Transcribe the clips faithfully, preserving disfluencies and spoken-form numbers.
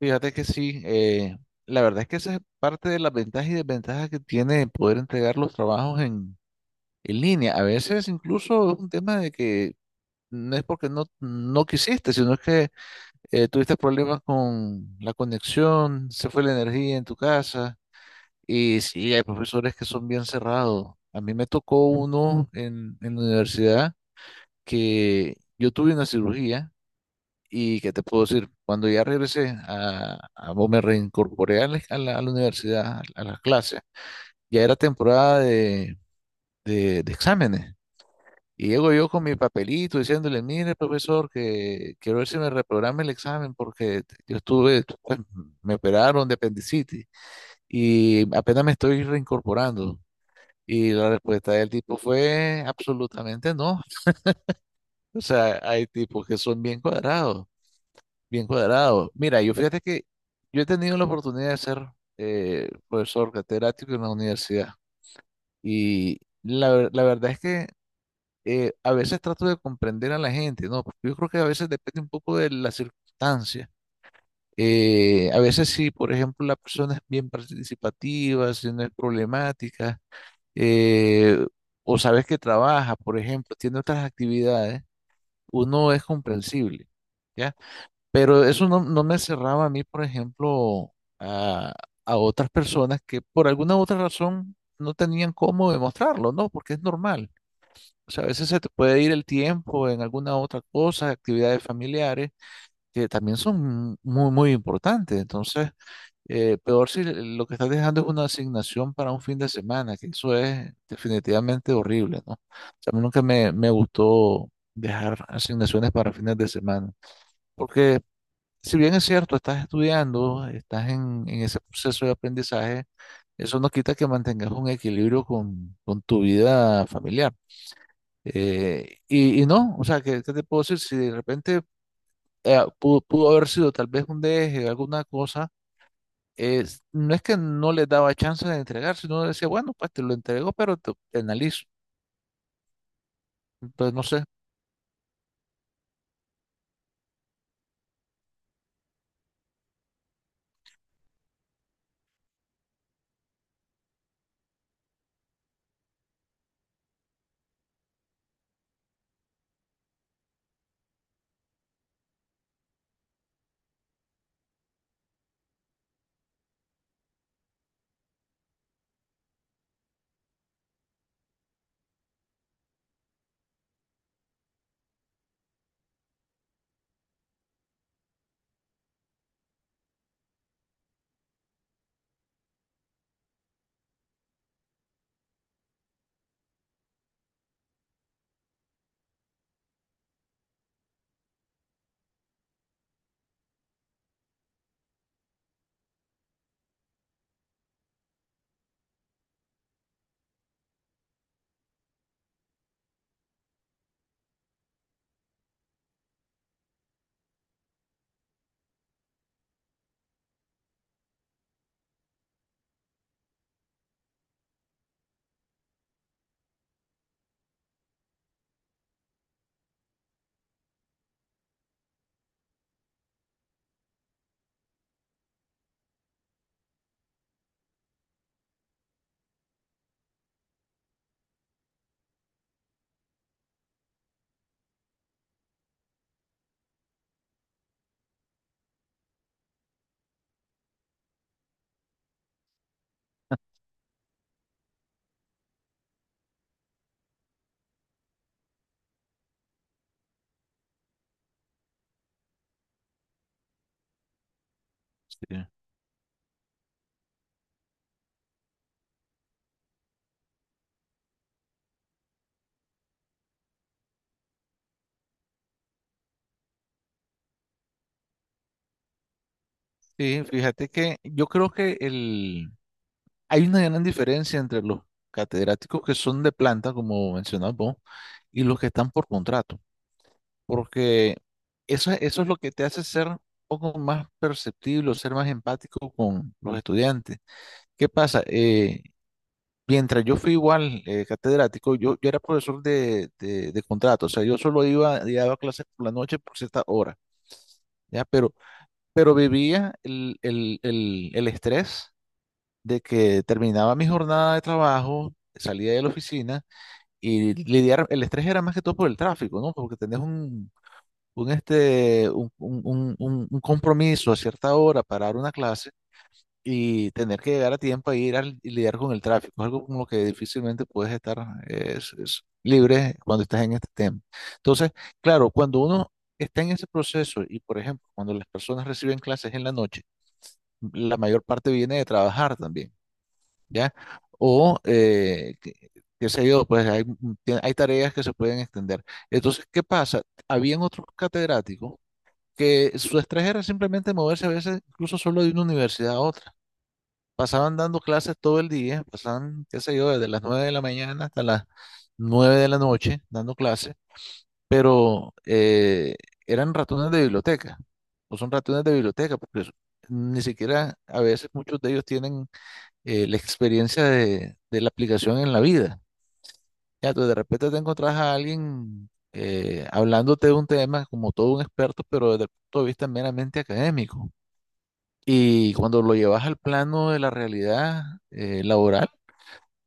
Fíjate que sí, eh, la verdad es que esa es parte de las ventajas y desventajas que tiene poder entregar los trabajos en, en línea. A veces incluso es un tema de que no es porque no, no quisiste, sino es que eh, tuviste problemas con la conexión, se fue la energía en tu casa. Y sí, hay profesores que son bien cerrados. A mí me tocó uno en, en la universidad que yo tuve una cirugía. Y qué te puedo decir, cuando ya regresé a, a o me reincorporé a la, a la- a la universidad, a, las clases, ya era temporada de, de- de exámenes. Y llego yo con mi papelito diciéndole, mire, profesor, que quiero ver si me reprograma el examen porque yo estuve, pues, me operaron de apendicitis y apenas me estoy reincorporando. Y la respuesta del tipo fue absolutamente no. O sea, hay tipos que son bien cuadrados. Bien cuadrado. Mira, yo fíjate que yo he tenido la oportunidad de ser eh, profesor catedrático en la universidad y la, ver- la verdad es que eh, a veces trato de comprender a la gente, ¿no? Porque yo creo que a veces depende un poco de la circunstancia. Eh, a veces si, por ejemplo, la persona es bien participativa, si no es problemática, eh, o sabes que trabaja, por ejemplo, tiene otras actividades, uno es comprensible. ¿Ya? Pero eso no, no me cerraba a mí, por ejemplo, a, a otras personas que por alguna u otra razón no tenían cómo demostrarlo, ¿no? Porque es normal. O sea, a veces se te puede ir el tiempo en alguna otra cosa, actividades familiares, que también son muy, muy importantes. Entonces, eh, peor si lo que estás dejando es una asignación para un fin de semana, que eso es definitivamente horrible, ¿no? O sea, a mí nunca me, me gustó dejar asignaciones para fines de semana. Porque si bien es cierto, estás estudiando, estás en, en ese proceso de aprendizaje, eso no quita que mantengas un equilibrio con, con tu vida familiar. Eh, y, y no, o sea, ¿qué, qué te puedo decir? Si de repente eh, pudo, pudo haber sido tal vez un deje, alguna cosa, es- no es que no le daba chance de entregar, sino decía, bueno, pues te lo entrego, pero te, te analizo. Entonces, no sé. Sí, sí, fíjate que yo creo que el... Hay una gran diferencia entre los catedráticos que son de planta, como mencionabas vos, y los que están por contrato, porque eso, es- eso es lo que te hace ser un poco más perceptible, o ser más empático con los estudiantes. ¿Qué pasa? Eh, mientras yo fui igual eh, catedrático, yo, yo era profesor de, de, de contrato, o sea, yo solo iba y daba clases por la noche por cierta hora, ¿ya? Pero, pero vivía el, el, el, el estrés de que terminaba mi jornada de trabajo, salía de la oficina y lidiar, el estrés era más que todo por el tráfico, ¿no? Porque tenés un, un, este, un, un- un- un- un compromiso a cierta hora para dar una clase y tener que llegar a tiempo a ir al- y lidiar con el tráfico. Es algo con lo que difícilmente puedes estar eh, es- es libre cuando estás en este tema. Entonces, claro, cuando uno está en ese proceso y, por ejemplo, cuando las personas reciben clases en la noche, la mayor parte viene de trabajar también. ¿Ya? O, eh, que- Qué sé yo, pues hay, tie- hay tareas que se pueden extender. Entonces, ¿qué pasa? Habían otros catedráticos que su estrés era simplemente moverse a veces incluso solo de una universidad a otra. Pasaban dando clases todo el día, pasaban, qué sé yo, desde las nueve de la mañana hasta las nueve de la noche dando clases, pero eh, eran ratones de biblioteca, o son ratones de biblioteca, porque ni siquiera a veces muchos de ellos tienen eh, la experiencia de, de la aplicación en la vida. Ya, tú de repente te encontrás a alguien eh, hablándote de un tema como todo un experto, pero desde el punto de vista meramente académico. Y cuando lo llevas al plano de la realidad eh, laboral,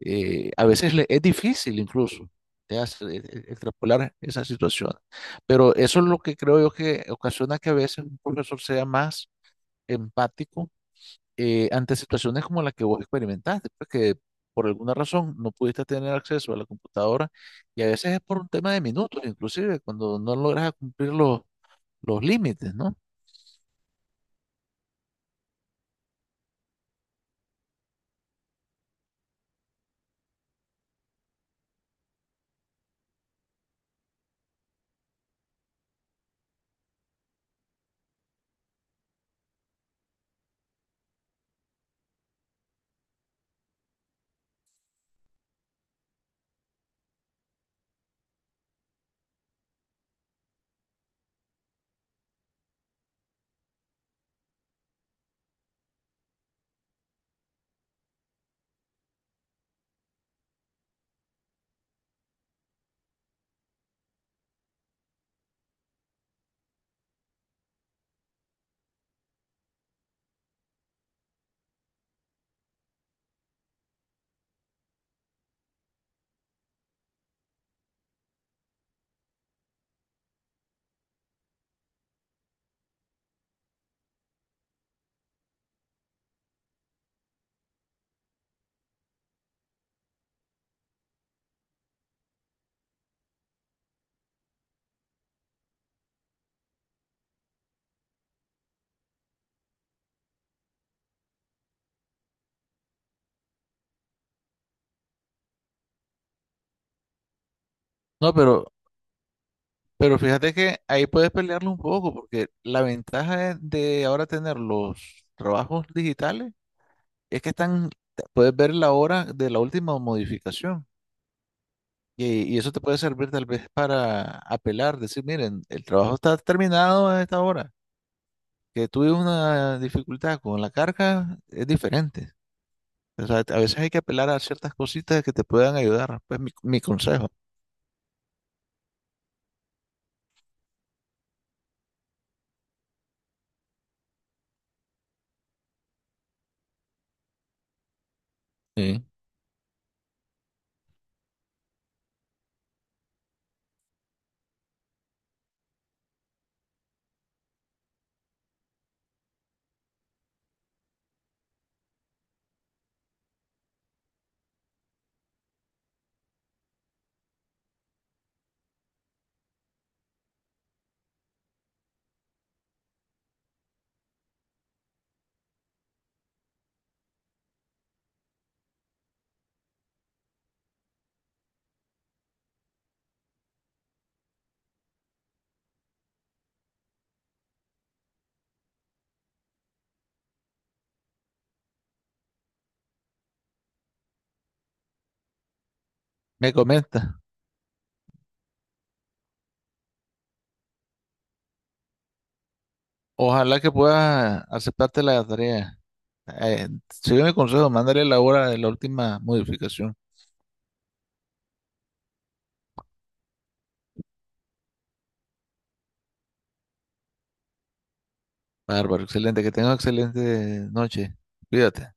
eh, a veces le- es difícil incluso te hace, eh, eh, extrapolar esa situación. Pero eso es lo que creo yo que ocasiona que a veces un profesor sea más empático eh, ante situaciones como la que vos experimentaste, pues que por alguna razón no pudiste tener acceso a la computadora y a veces es por un tema de minutos, inclusive cuando no logras cumplir los, los límites, ¿no? No, pero, pero fíjate que ahí puedes pelearlo un poco porque la ventaja de, de ahora tener los trabajos digitales es que están, te- puedes ver la hora de la última modificación. Y, y eso te puede servir tal vez para apelar, decir, miren, el trabajo está terminado a esta hora que tuve una dificultad con la carga es diferente. O sea, a veces hay que apelar a ciertas cositas que te puedan ayudar. Pues mi, mi consejo. Sí. Me comenta. Ojalá que puedas aceptarte la tarea. Eh, sigue mi consejo, mándale la hora de la última modificación. Bárbaro, excelente. Que tengas excelente noche. Cuídate.